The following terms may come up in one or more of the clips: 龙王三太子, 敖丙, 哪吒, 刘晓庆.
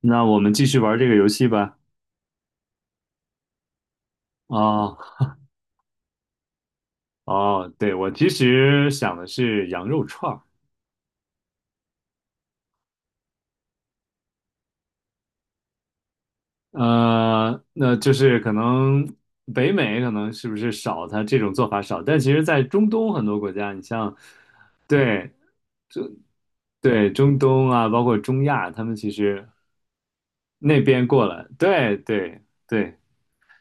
那我们继续玩这个游戏吧。哦哦，对，我其实想的是羊肉串儿，那就是可能北美可能是不是少，它这种做法少，但其实在中东很多国家，你像，对对，中东啊，包括中亚，他们其实那边过来，对对对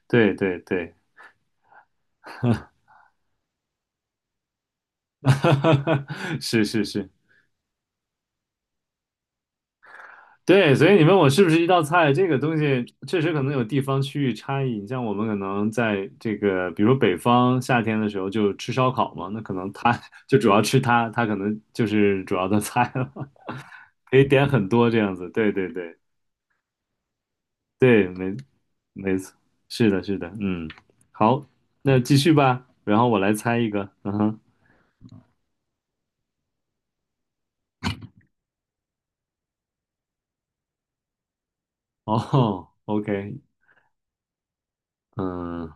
对对对，是是是，对，所以你问我是不是一道菜，这个东西确实可能有地方区域差异。你像我们可能在这个，比如说北方夏天的时候就吃烧烤嘛，那可能它 就主要吃它，它可能就是主要的菜了，可以点很多这样子。对对对对，没错，是的，是的，嗯，好，那继续吧，然后我来猜一个，嗯哼，哦，OK，嗯，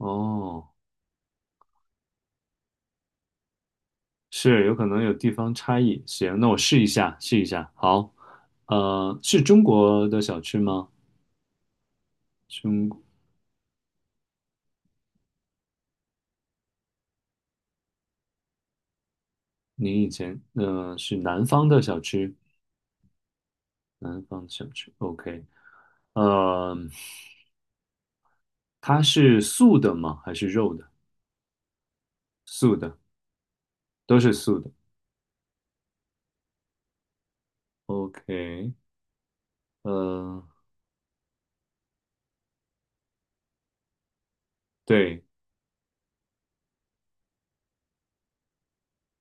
哦。是有可能有地方差异。行，那我试一下，试一下。好，是中国的小吃吗？中，您以前是南方的小吃，南方的小吃。OK，呃，它是素的吗？还是肉的？素的，都是素的。OK，呃，对，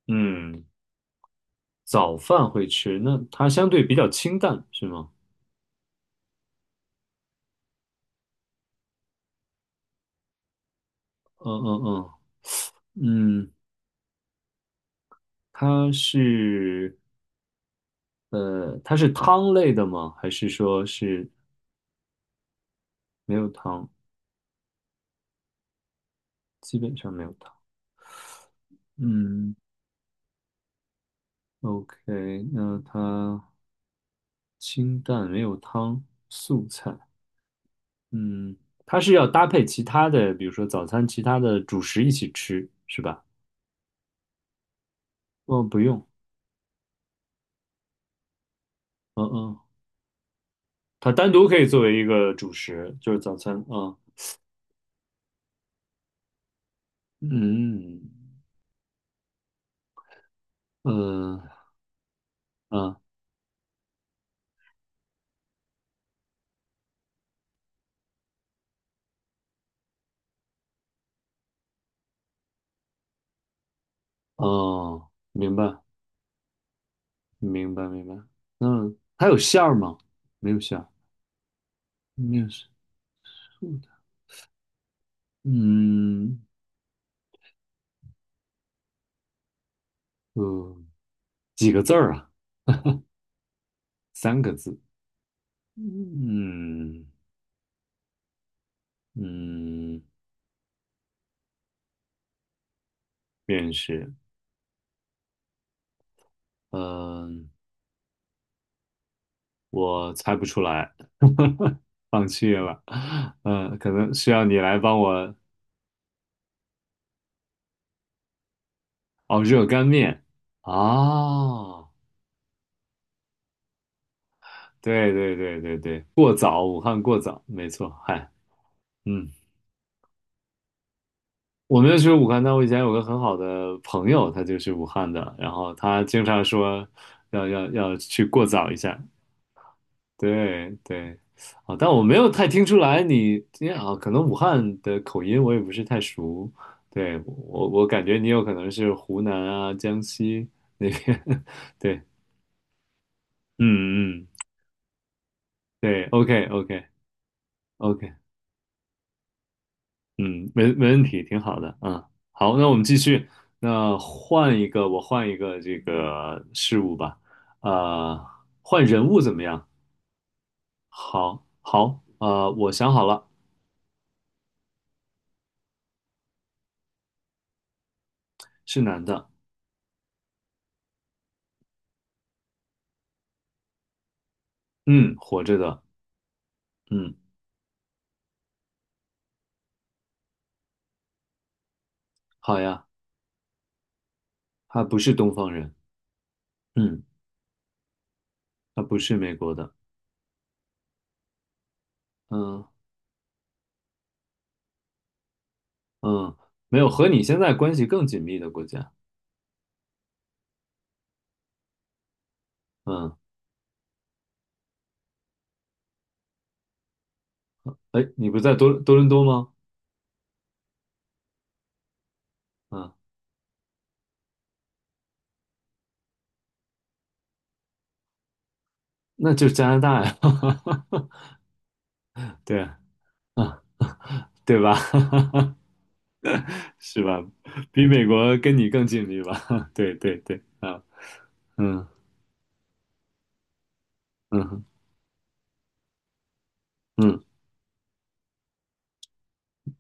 嗯，早饭会吃，那它相对比较清淡，是吗？嗯嗯嗯嗯，它是。它是汤类的吗？还是说是没有汤？基本上没有汤。嗯，OK，那它清淡没有汤，素菜。嗯，它是要搭配其他的，比如说早餐其他的主食一起吃，是吧？哦，不用。嗯嗯，它单独可以作为一个主食，就是早餐啊。嗯嗯嗯哦，明白明白明白。嗯，它有馅儿吗？没有馅儿，没有。馅儿。度的，嗯呃，几个字儿啊？3个字。嗯嗯，面试，嗯，我猜不出来，放弃了。嗯，可能需要你来帮我。哦，热干面。哦，对对对对对，过早，武汉过早，没错。嗨，嗯。我没有去武汉，但我以前有个很好的朋友，他就是武汉的，然后他经常说要去过早一下，对对，啊，但我没有太听出来你，因为啊，可能武汉的口音我也不是太熟，对，我感觉你有可能是湖南啊、江西那边，对，嗯嗯，对，OK OK OK，嗯，没问题，挺好的，嗯，好，那我们继续，那换一个，我换一个这个事物吧，呃，换人物怎么样？好，好，我想好了，是男的，嗯，活着的，嗯。好呀，他不是东方人，嗯，他不是美国的，嗯嗯，没有和你现在关系更紧密的国家，嗯，哎，你不在多伦多吗？嗯，那就是加拿大呀，对啊，啊对吧？是吧？比美国跟你更紧密吧？对对对，啊，嗯嗯嗯，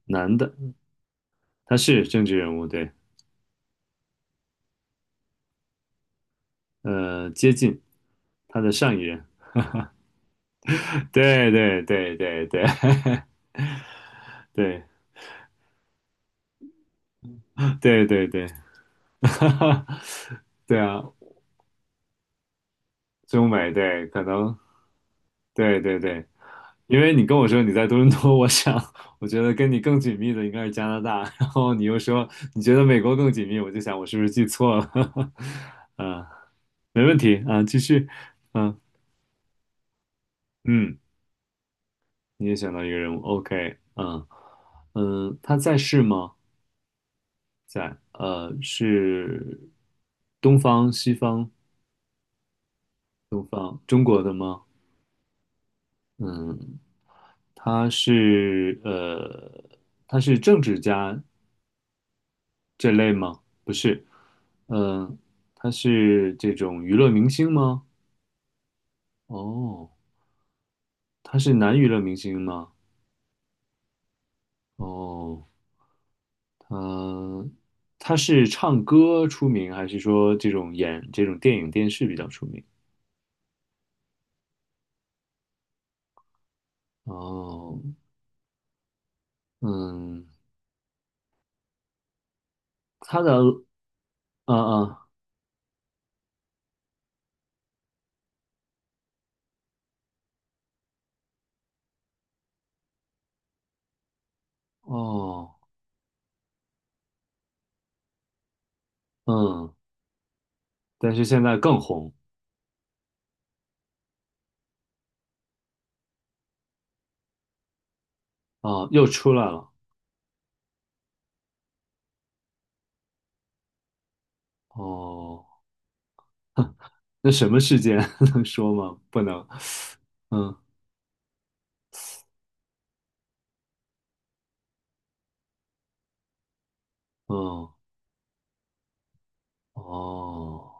男的，他是政治人物，对，接近他的上一任，对对对对对 对对对对。哈哈，对啊，中美对，可能对对对，因为你跟我说你在多伦多，我想我觉得跟你更紧密的应该是加拿大，然后你又说你觉得美国更紧密，我就想我是不是记错了？嗯，没问题啊，继续，嗯嗯，你也想到一个人物，OK，嗯嗯，他在世吗？在，是东方、西方、东方、中国的吗？嗯他是他是政治家这类吗？不是，嗯、他是这种娱乐明星吗？哦，他是男娱乐明星吗？哦，他是唱歌出名，还是说这种演这种电影电视比较出名？哦，嗯，他的嗯嗯哦嗯，但是现在更红啊，又出来了哦。那什么事件 能说吗？不能。嗯，哦，哦，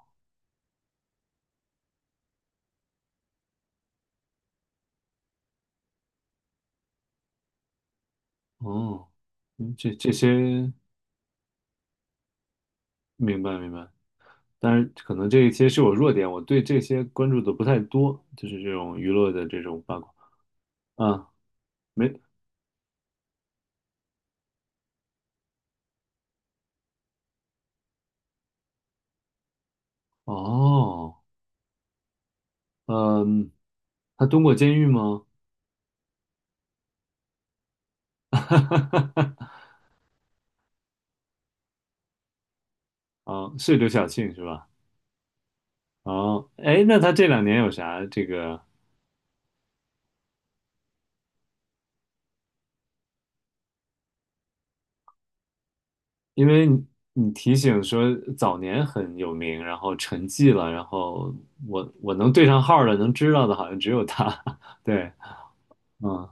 哦，嗯，这些明白明白。当然，可能这一些是我弱点，我对这些关注的不太多，就是这种娱乐的这种八卦啊，没哦，嗯，他蹲过监狱吗？啊，是刘晓庆是吧？哦，哎，那他这2年有啥这个？因为你提醒说早年很有名，然后沉寂了，然后我能对上号儿的，能知道的，好像只有他。对，嗯，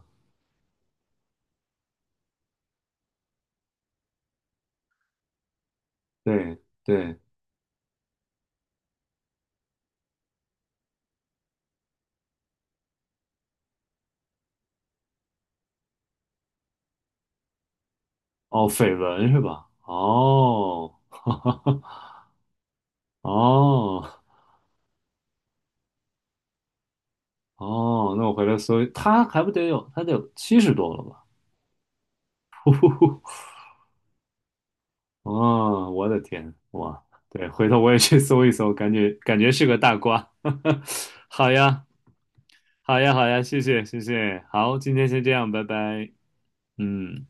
对对，哦，绯闻是吧？哦，哦哦，那我回来搜一他还不得有，他得有七十多了吧？哦，我的天，哇，对，回头我也去搜一搜，感觉是个大瓜。好呀，好呀，好呀，谢谢，谢谢，好，今天先这样，拜拜，嗯。